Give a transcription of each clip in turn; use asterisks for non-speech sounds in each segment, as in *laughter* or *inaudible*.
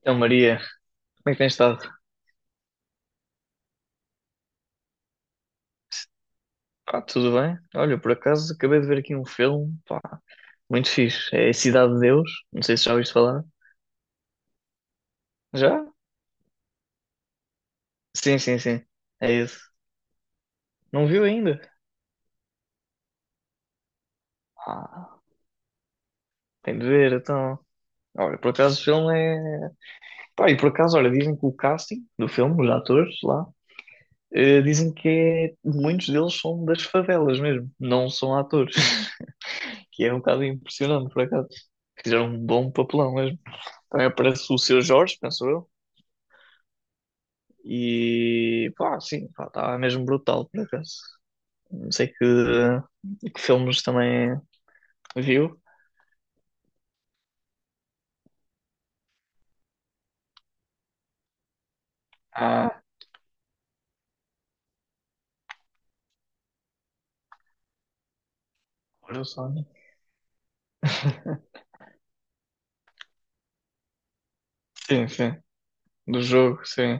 Então, Maria, como é que tens estado? Pá, tudo bem? Olha, por acaso acabei de ver aqui um filme, pá, muito fixe. É Cidade de Deus, não sei se já ouviste falar. Já? Sim, sim, sim. É isso. Não viu ainda? Ah, tem de ver, então. Olha, por acaso o filme é. Pá, e por acaso, olha, dizem que o casting do filme, os atores lá, dizem que é muitos deles são das favelas mesmo, não são atores. *laughs* Que é um bocado impressionante, por acaso. Fizeram um bom papelão mesmo. Também aparece o Seu Jorge, penso eu. E pá, sim, pá, estava mesmo brutal por acaso. Não sei que filmes também viu. Ah, olha só, né? Sim, sim, do jogo, sim.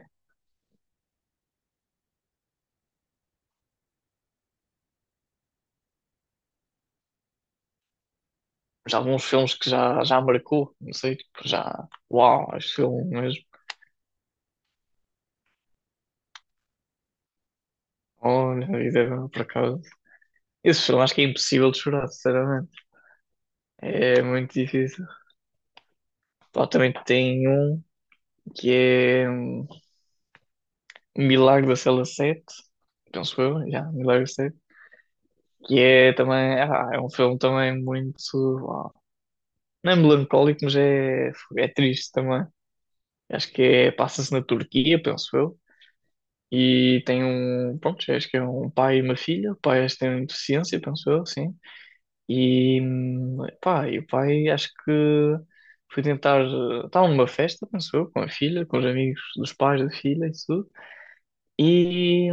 Já alguns filmes que já, já marcou, não sei, tipo, já. Uau, este filme mesmo. Olha, a vida agora por acaso. Esse filme acho que é impossível de chorar, sinceramente. É muito difícil. Pá, também tem um que é Milagre da Cela 7, penso eu, já, Milagre. Que é também, ah, é um filme também muito, ah, não é melancólico, mas é triste também. Acho que é, passa-se na Turquia, penso eu. E tem um, pronto, acho que é um pai e uma filha. O pai acho que tem deficiência, penso eu, sim. E, pá, e o pai acho que foi tentar, estava numa festa, penso eu, com a filha, com os amigos dos pais da filha e tudo. E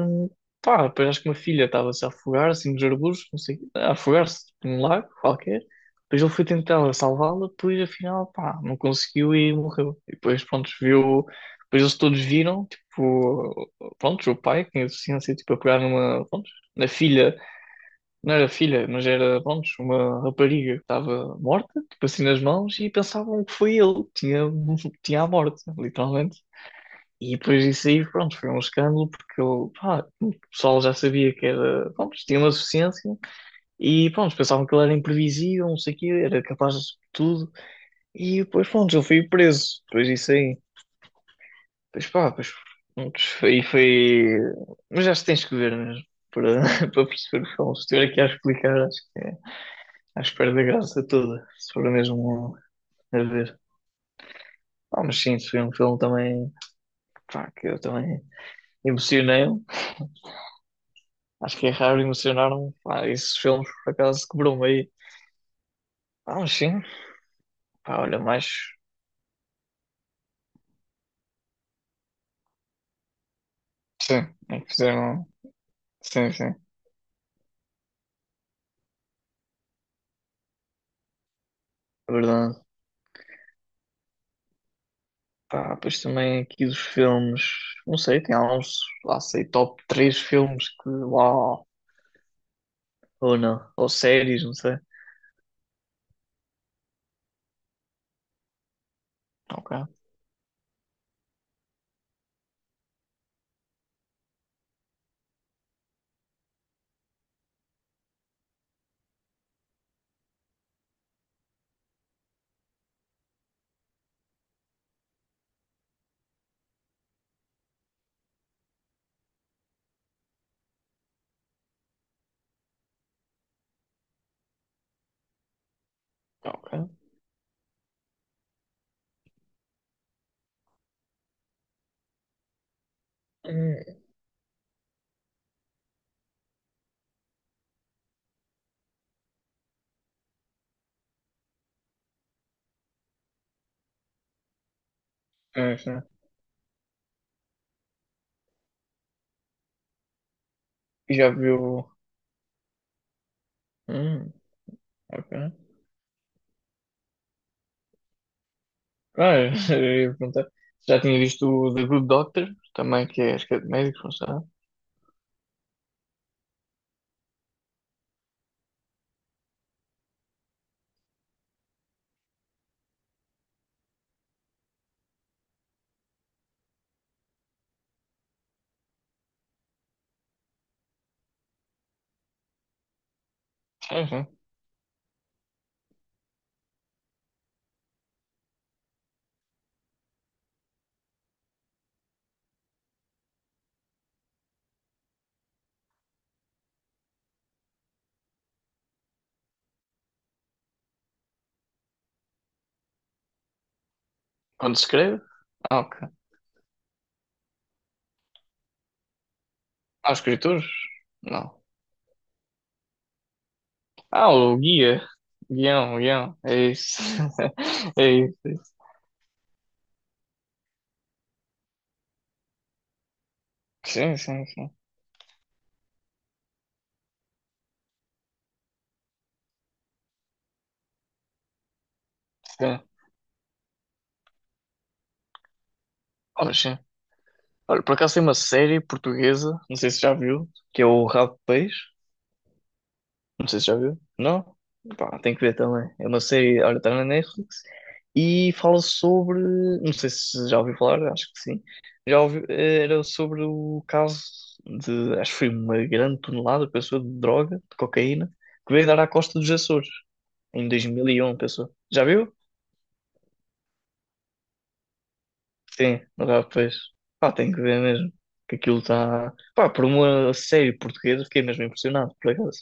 pá, depois acho que uma filha estava-se a afogar, assim, nos arbustos, não sei, a afogar-se tipo, num lago qualquer. Depois ele foi tentar salvá-la, depois afinal, pá, não conseguiu e morreu. E depois, pronto, viu, depois eles todos viram, tipo, pronto, o pai, que tinha deficiência, tipo, a pegar numa, pronto, na filha, não era filha, mas era, pronto, uma rapariga que estava morta, tipo assim nas mãos, e pensavam que foi ele que tinha, *laughs* tinha a morte, literalmente. E depois disso aí, pronto, foi um escândalo porque eu, pá, o pessoal já sabia que era, pronto, tinha uma deficiência e, pronto, pensavam que ele era imprevisível, não sei o quê, era capaz de tudo e depois, pronto, ele foi preso. Depois disso aí, depois pá, depois, pronto, foi, foi. Mas acho que tens que ver mesmo para, *laughs* para perceber o filme. Se estiver aqui a explicar, acho que é, acho que perde a graça toda, se for mesmo a ver. Ah, mas sim, foi um filme também, pá, que eu também emocionei. Acho que é raro emocionar-me. Pá, esses filmes, por acaso, quebrou-me aí. Ah, mas sim. Pá, olha, mais. Sim, é que fizeram. Sim, sim. É verdade. Pá, pois também aqui dos filmes. Não sei, tem alguns, lá sei, top 3 filmes que. Uau! Ou não. Ou séries, não sei. Ok, ok. Hum, sim, sim. E já viu. Hum, ok. Ah, *laughs* eu ia perguntar. Já tinha visto o The Good Doctor, também, que é, acho que é de médicos, não sei. Uhum. Onde se escreve? Ah, ok. Há escritores? Não. Ah, o guia. Guião, guião. É isso. *laughs* É isso. É isso. Sim, sim, sim. Sim. Olha, sim. Olha, por acaso tem uma série portuguesa, não sei se já viu, que é o Rabo de Peixe. Não sei se já viu. Não? Pá, tem que ver também. É uma série, olha, está na Netflix e fala sobre. Não sei se já ouviu falar, acho que sim. Já ouviu, era sobre o caso de, acho que foi uma grande tonelada, pessoa, de droga, de cocaína, que veio dar à costa dos Açores, em 2001, pessoa. Já viu? Sim, rapaz. Pá, tem que ver mesmo. Que aquilo está. Pá, por uma série portuguesa, fiquei mesmo impressionado, por acaso.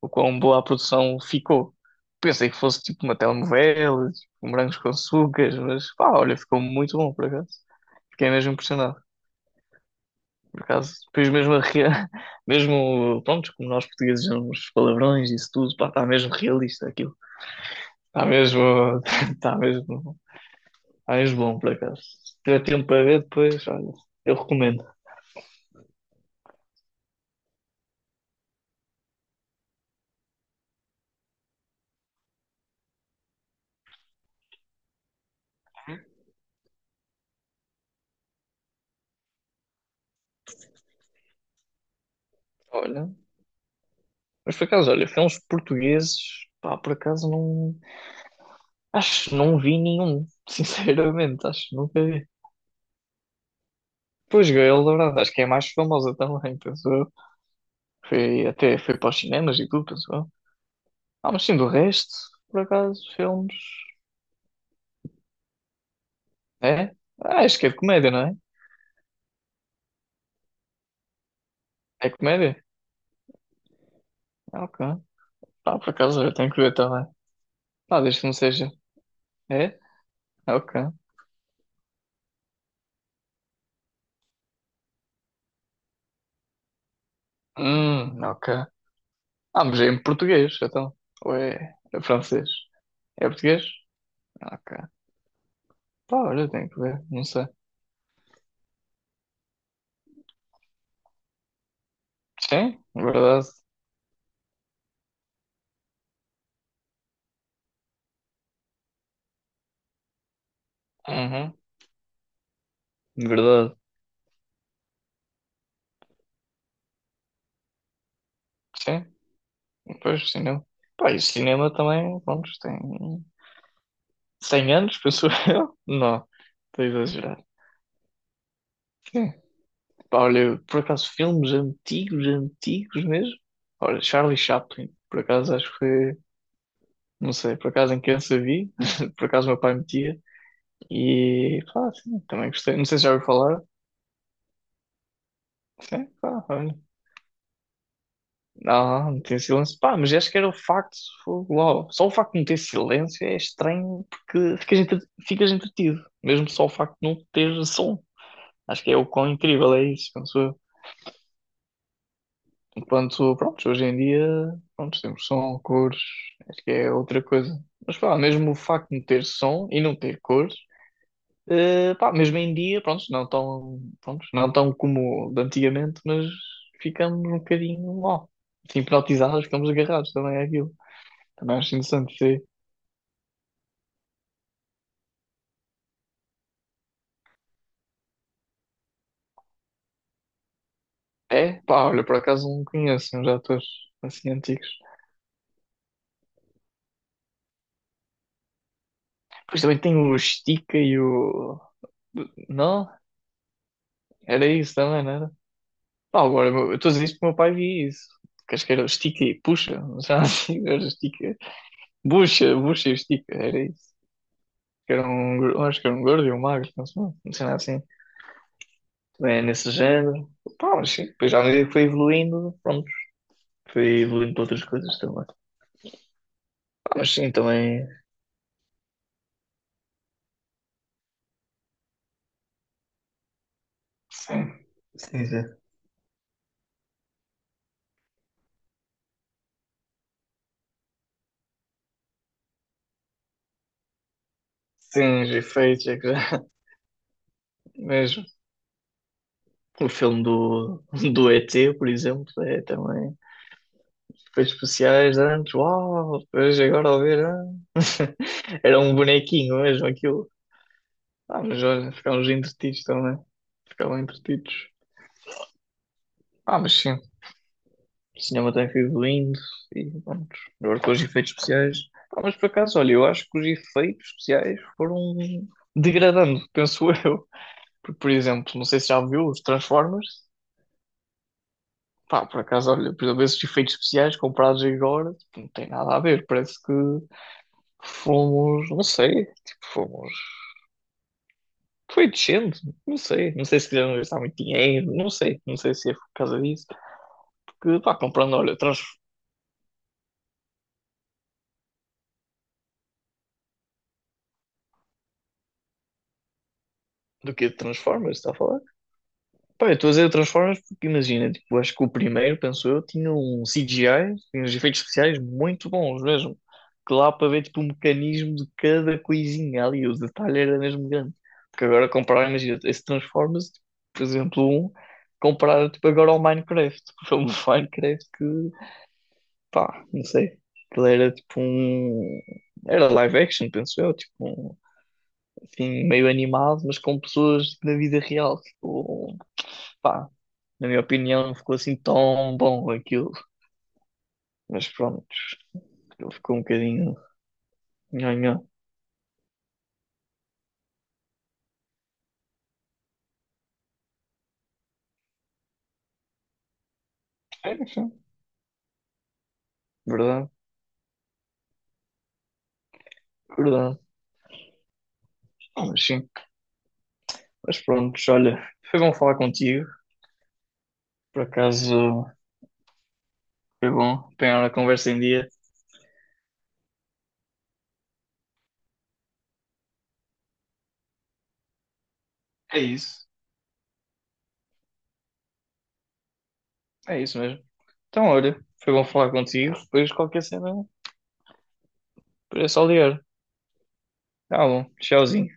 O quão boa a produção ficou. Pensei que fosse tipo uma telenovela, tipo, um morangos com açúcar, mas pá, olha, ficou muito bom por acaso. Fiquei mesmo impressionado. Por acaso, depois mesmo, a rea- *laughs* mesmo, pronto, como nós portugueses uns palavrões e isso tudo, pá, está mesmo realista aquilo. Está mesmo, *laughs* está mesmo, está mesmo bom por acaso. Se tiver tempo para ver depois, olha, eu recomendo. Olha, mas por acaso, olha, filmes portugueses, pá, por acaso não, acho que não vi nenhum, *laughs* sinceramente, acho que nunca vi. Pois, Gael Dourado, acho que é a mais famosa também, penso eu. Foi, até foi para os cinemas e tudo, penso eu. Ah, mas sim, do resto, por acaso, filmes. É? Ah, acho que é de comédia, não é? É comédia? Ah, ok. Ah, por acaso, eu tenho que ver também. Ah, desde que não seja. É? Ah, ok. Ok. Ah, mas é em português, então. Ou é francês? É português? Ah, ok. Pá, olha, tenho que ver, não sei. Sim, verdade. Uhum, verdade. Sim. Pois, cinema. Pá, e o cinema também, pronto, tem 100 anos, penso *laughs* eu. Não, estou a exagerar. Sim. Pá, olha, por acaso, filmes antigos, antigos mesmo. Olha, Charlie Chaplin, por acaso, acho que foi, não sei, por acaso em criança vi, *laughs* por acaso meu pai metia. E, pá, sim, também gostei. Não sei se já ouviu falar. Sim, pá, olha. Não, não tinha silêncio. Pá, mas acho que era o facto, fogo, uau. Só o facto de não ter silêncio é estranho porque ficas, entre- ficas entretido, mesmo só o facto de não ter som. Acho que é o quão incrível é isso, penso eu. Enquanto, pronto, hoje em dia, pronto, temos som, cores, acho que é outra coisa. Mas pá, mesmo o facto de não ter som e não ter cores, pá, mesmo em dia, pronto, não tão como de antigamente, mas ficamos um bocadinho, ó, hipnotizados, ficamos agarrados também àquilo. Também acho interessante, sim. É? Pá, olha, por acaso não conheço uns atores assim antigos. Depois também tem o Stica e o. Não? Era isso também, não era? Pá, agora eu estou a dizer isto porque o meu pai via isso. Queres que era o Stica e Puxa? Já assim, *laughs* era o Stica. Bucha, Bucha e o Stica, era isso. Que era um, gor- acho que era um gordo e um magro, não sei, não sei nada assim. Também é nesse género. Pá, mas sim, depois à medida que foi evoluindo, pronto, foi evoluindo para outras coisas também. Pá, mas sim, também. Sim, sim, sim. Sim, os efeitos, é que já- *laughs* mesmo. O filme do ET, por exemplo, é também efeitos especiais antes, uau, depois agora ao ver, ah. *laughs* Era um bonequinho mesmo aquilo. Ah, mas olha, ficámos entretidos também. Ficavam entretidos. Ah, mas sim, o cinema tem sido lindo e pronto. Agora com os efeitos especiais. Ah, mas por acaso, olha, eu acho que os efeitos especiais foram degradando, *laughs* penso eu. Porque, por exemplo, não sei se já viu os Transformers. Pá, por acaso, olha, por exemplo, esses efeitos especiais comprados agora, tipo, não tem nada a ver. Parece que fomos, não sei, tipo, fomos. Foi descendo, não sei. Não sei se quiseram gastar muito dinheiro, não sei. Não sei se é por causa disso. Porque, pá, comprando, olha, trans. Do que Transformers, está a falar? Pá, eu estou a dizer Transformers porque imagina, tipo, acho que o primeiro, penso eu, tinha um CGI, tinha uns efeitos especiais muito bons mesmo. Que lá para ver tipo o mecanismo de cada coisinha ali, o detalhe era mesmo grande. Porque agora comparar, imagina, esse Transformers, tipo, por exemplo, um, comparar tipo agora ao Minecraft, *laughs* o filme do Minecraft que, pá, não sei, aquilo era tipo um, era live action, penso eu, tipo, um, assim, meio animado, mas com pessoas na vida real, tipo, pá na minha opinião, não ficou assim tão bom aquilo. Mas pronto, aquilo ficou um bocadinho nhanhã. É, sim. Verdade, verdade. Ah, mas sim. Mas pronto, olha, foi bom falar contigo. Por acaso foi bom apanhar a conversa em dia. É isso, é isso mesmo. Então, olha, foi bom falar contigo. Depois qualquer cena, depois é só ligar. Tá bom, tchauzinho.